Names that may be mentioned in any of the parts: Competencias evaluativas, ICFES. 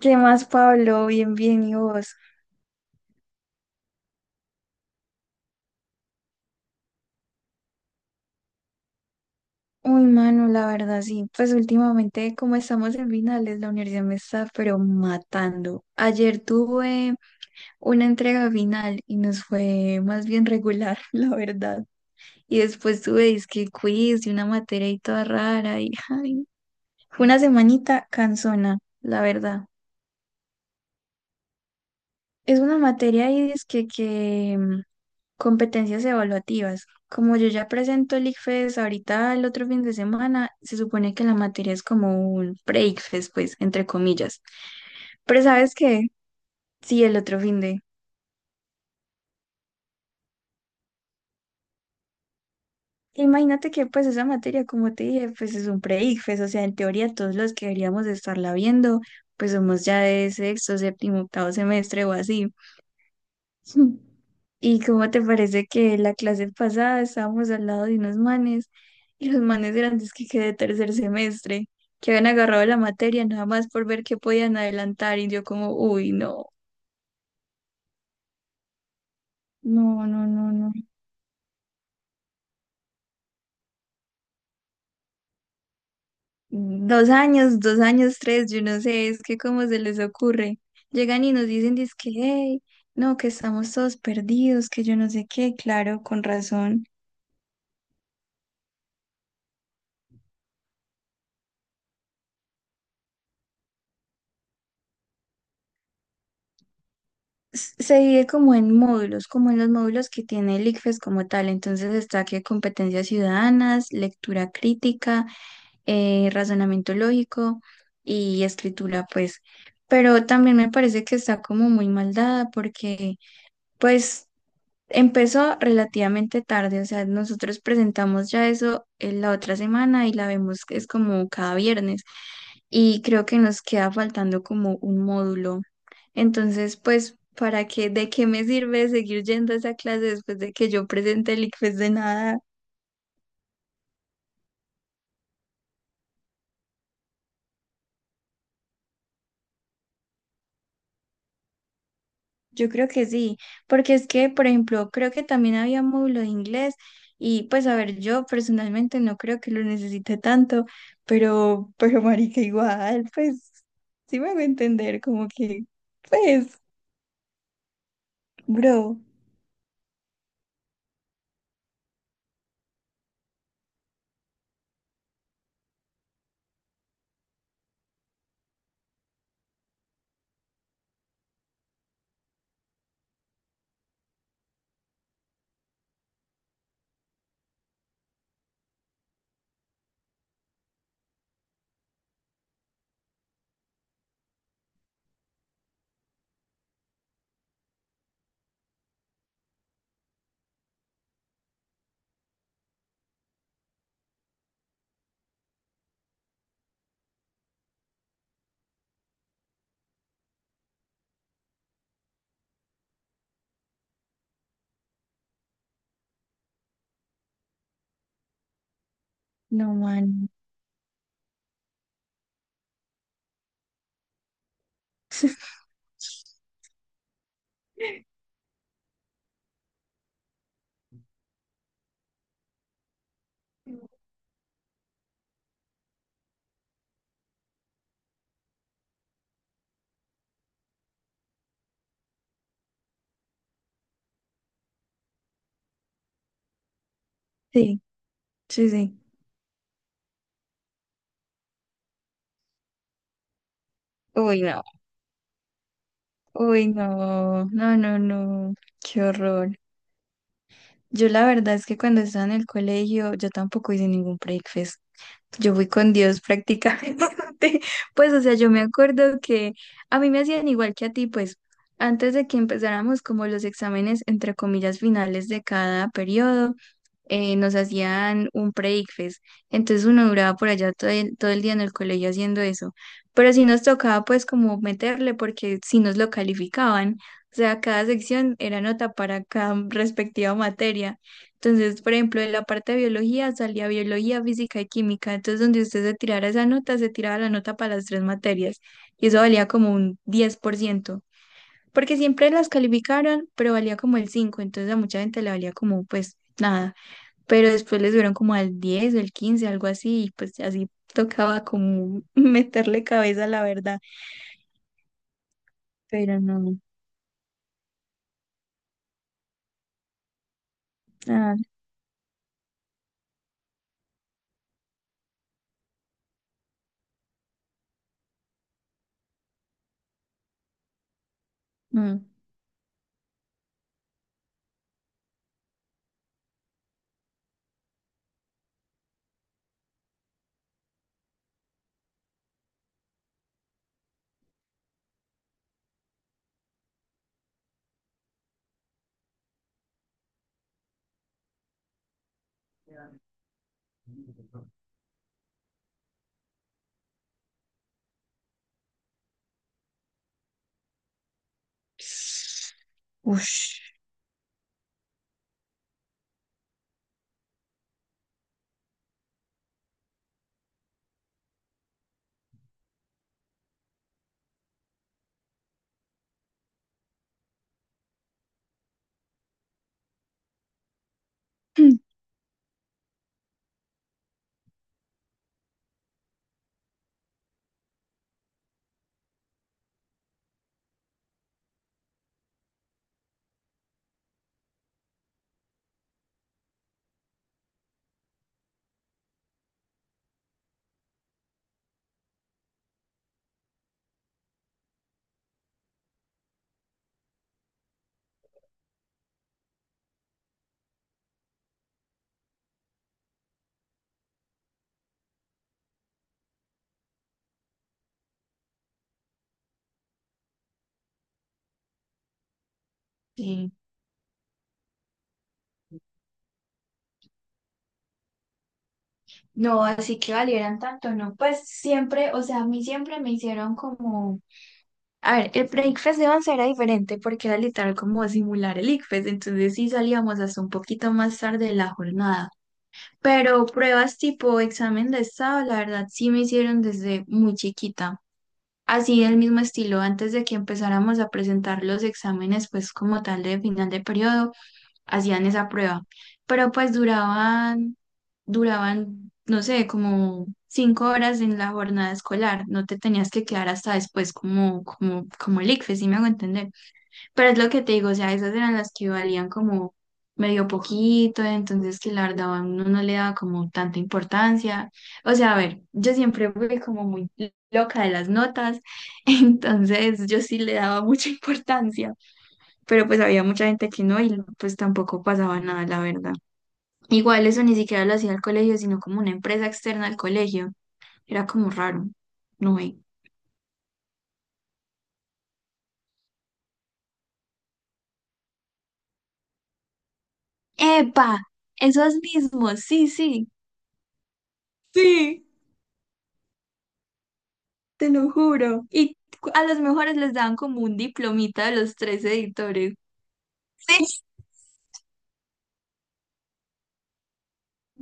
¿Qué más, Pablo? Bien, bien, ¿y vos? Uy, mano, la verdad, sí. Pues últimamente, como estamos en finales, la universidad me está, pero matando. Ayer tuve una entrega final y nos fue más bien regular, la verdad. Y después tuve disque quiz y una materia y toda rara y ay, fue una semanita cansona, la verdad. Es una materia y disque que competencias evaluativas. Como yo ya presento el ICFES ahorita el otro fin de semana, se supone que la materia es como un pre-ICFES, pues, entre comillas. Pero ¿sabes qué? Sí, el otro fin de... Imagínate que pues esa materia, como te dije, pues es un pre-ICFES, o sea, en teoría todos los que deberíamos de estarla viendo, pues somos ya de sexto, séptimo, octavo semestre o así. ¿Y cómo te parece que la clase pasada estábamos al lado de unos manes y los manes grandes que quedé de tercer semestre, que habían agarrado la materia nada más por ver qué podían adelantar y yo como, uy, no, no, no, no, no. Dos años, tres, yo no sé, es que cómo se les ocurre. Llegan y nos dicen, dizque, hey, no, que estamos todos perdidos, que yo no sé qué, claro, con razón. Se divide como en módulos, como en los módulos que tiene el ICFES como tal. Entonces está que competencias ciudadanas, lectura crítica, razonamiento lógico y escritura, pues. Pero también me parece que está como muy mal dada porque, pues, empezó relativamente tarde. O sea, nosotros presentamos ya eso en la otra semana y la vemos que es como cada viernes. Y creo que nos queda faltando como un módulo, entonces, pues, ¿para qué, de qué me sirve seguir yendo a esa clase después de que yo presente el ICFES, de nada? Yo creo que sí, porque es que, por ejemplo, creo que también había módulo de inglés y pues, a ver, yo personalmente no creo que lo necesite tanto, pero, marica, igual, pues, sí me voy a entender, como que, pues, bro, no, man, sí, sí, sí. Uy, no, uy, no, no, no, no, qué horror. Yo la verdad es que cuando estaba en el colegio yo tampoco hice ningún breakfast. Yo fui con Dios prácticamente. Pues o sea, yo me acuerdo que a mí me hacían igual que a ti, pues antes de que empezáramos como los exámenes entre comillas finales de cada periodo, nos hacían un breakfast. Entonces uno duraba por allá todo el día en el colegio haciendo eso. Pero sí nos tocaba pues como meterle porque sí nos lo calificaban. O sea, cada sección era nota para cada respectiva materia. Entonces, por ejemplo, en la parte de biología salía biología, física y química. Entonces, donde usted se tirara esa nota, se tiraba la nota para las tres materias. Y eso valía como un diez por ciento. Porque siempre las calificaron, pero valía como el cinco. Entonces a mucha gente le valía como pues nada, pero después le subieron como al 10, o el 15, algo así, y pues así tocaba como meterle cabeza a la verdad, pero no, ah, no. Ush. Sí. No, así que valieran tanto, ¿no? Pues siempre, o sea, a mí siempre me hicieron como... A ver, el pre-ICFES de 11 era diferente porque era literal como simular el ICFES, entonces sí salíamos hasta un poquito más tarde de la jornada. Pero pruebas tipo examen de estado, la verdad sí me hicieron desde muy chiquita. Así del mismo estilo, antes de que empezáramos a presentar los exámenes, pues como tal de final de periodo, hacían esa prueba. Pero pues duraban, no sé, como cinco horas en la jornada escolar. No te tenías que quedar hasta después como, el ICFES, si me hago entender. Pero es lo que te digo, o sea, esas eran las que valían como medio poquito, entonces que la verdad a uno no le daba como tanta importancia. O sea, a ver, yo siempre fui como muy loca de las notas, entonces yo sí le daba mucha importancia, pero pues había mucha gente que no y pues tampoco pasaba nada, la verdad. Igual eso ni siquiera lo hacía el colegio, sino como una empresa externa al colegio. Era como raro, no ve. ¡Epa! Esos mismos, sí, sí. Sí, te lo juro. Y a los mejores les daban como un diplomita de los tres editores. Sí.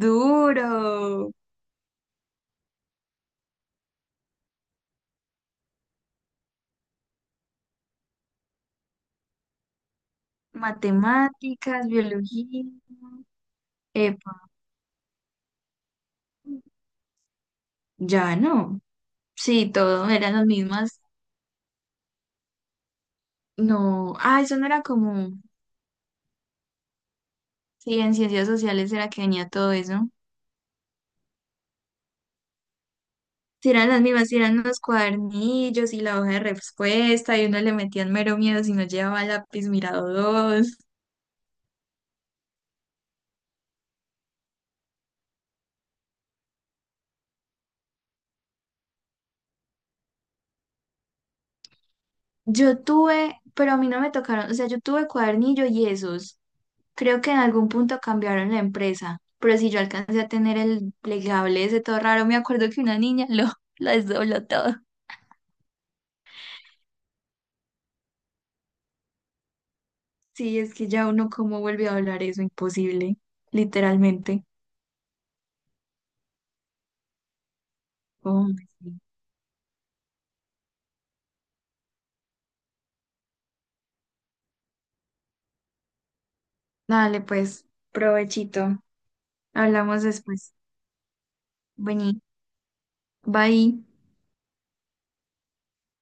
Duro. Matemáticas, biología. Epa, ya no. Sí, todo eran las mismas. No. Ah, eso no era como. Sí, en ciencias sociales era que venía todo eso. Sí, eran las mismas, sí, eran los cuadernillos y la hoja de respuesta, y uno le metían mero miedo si no llevaba lápiz mirador. Yo tuve, pero a mí no me tocaron, o sea, yo tuve cuadernillo y esos. Creo que en algún punto cambiaron la empresa, pero si yo alcancé a tener el plegable ese todo raro, me acuerdo que una niña lo, desdobló todo. Sí, es que ya uno cómo vuelve a hablar eso, imposible, literalmente. Hombre, sí. Dale, pues, provechito. Hablamos después. Vení, bye.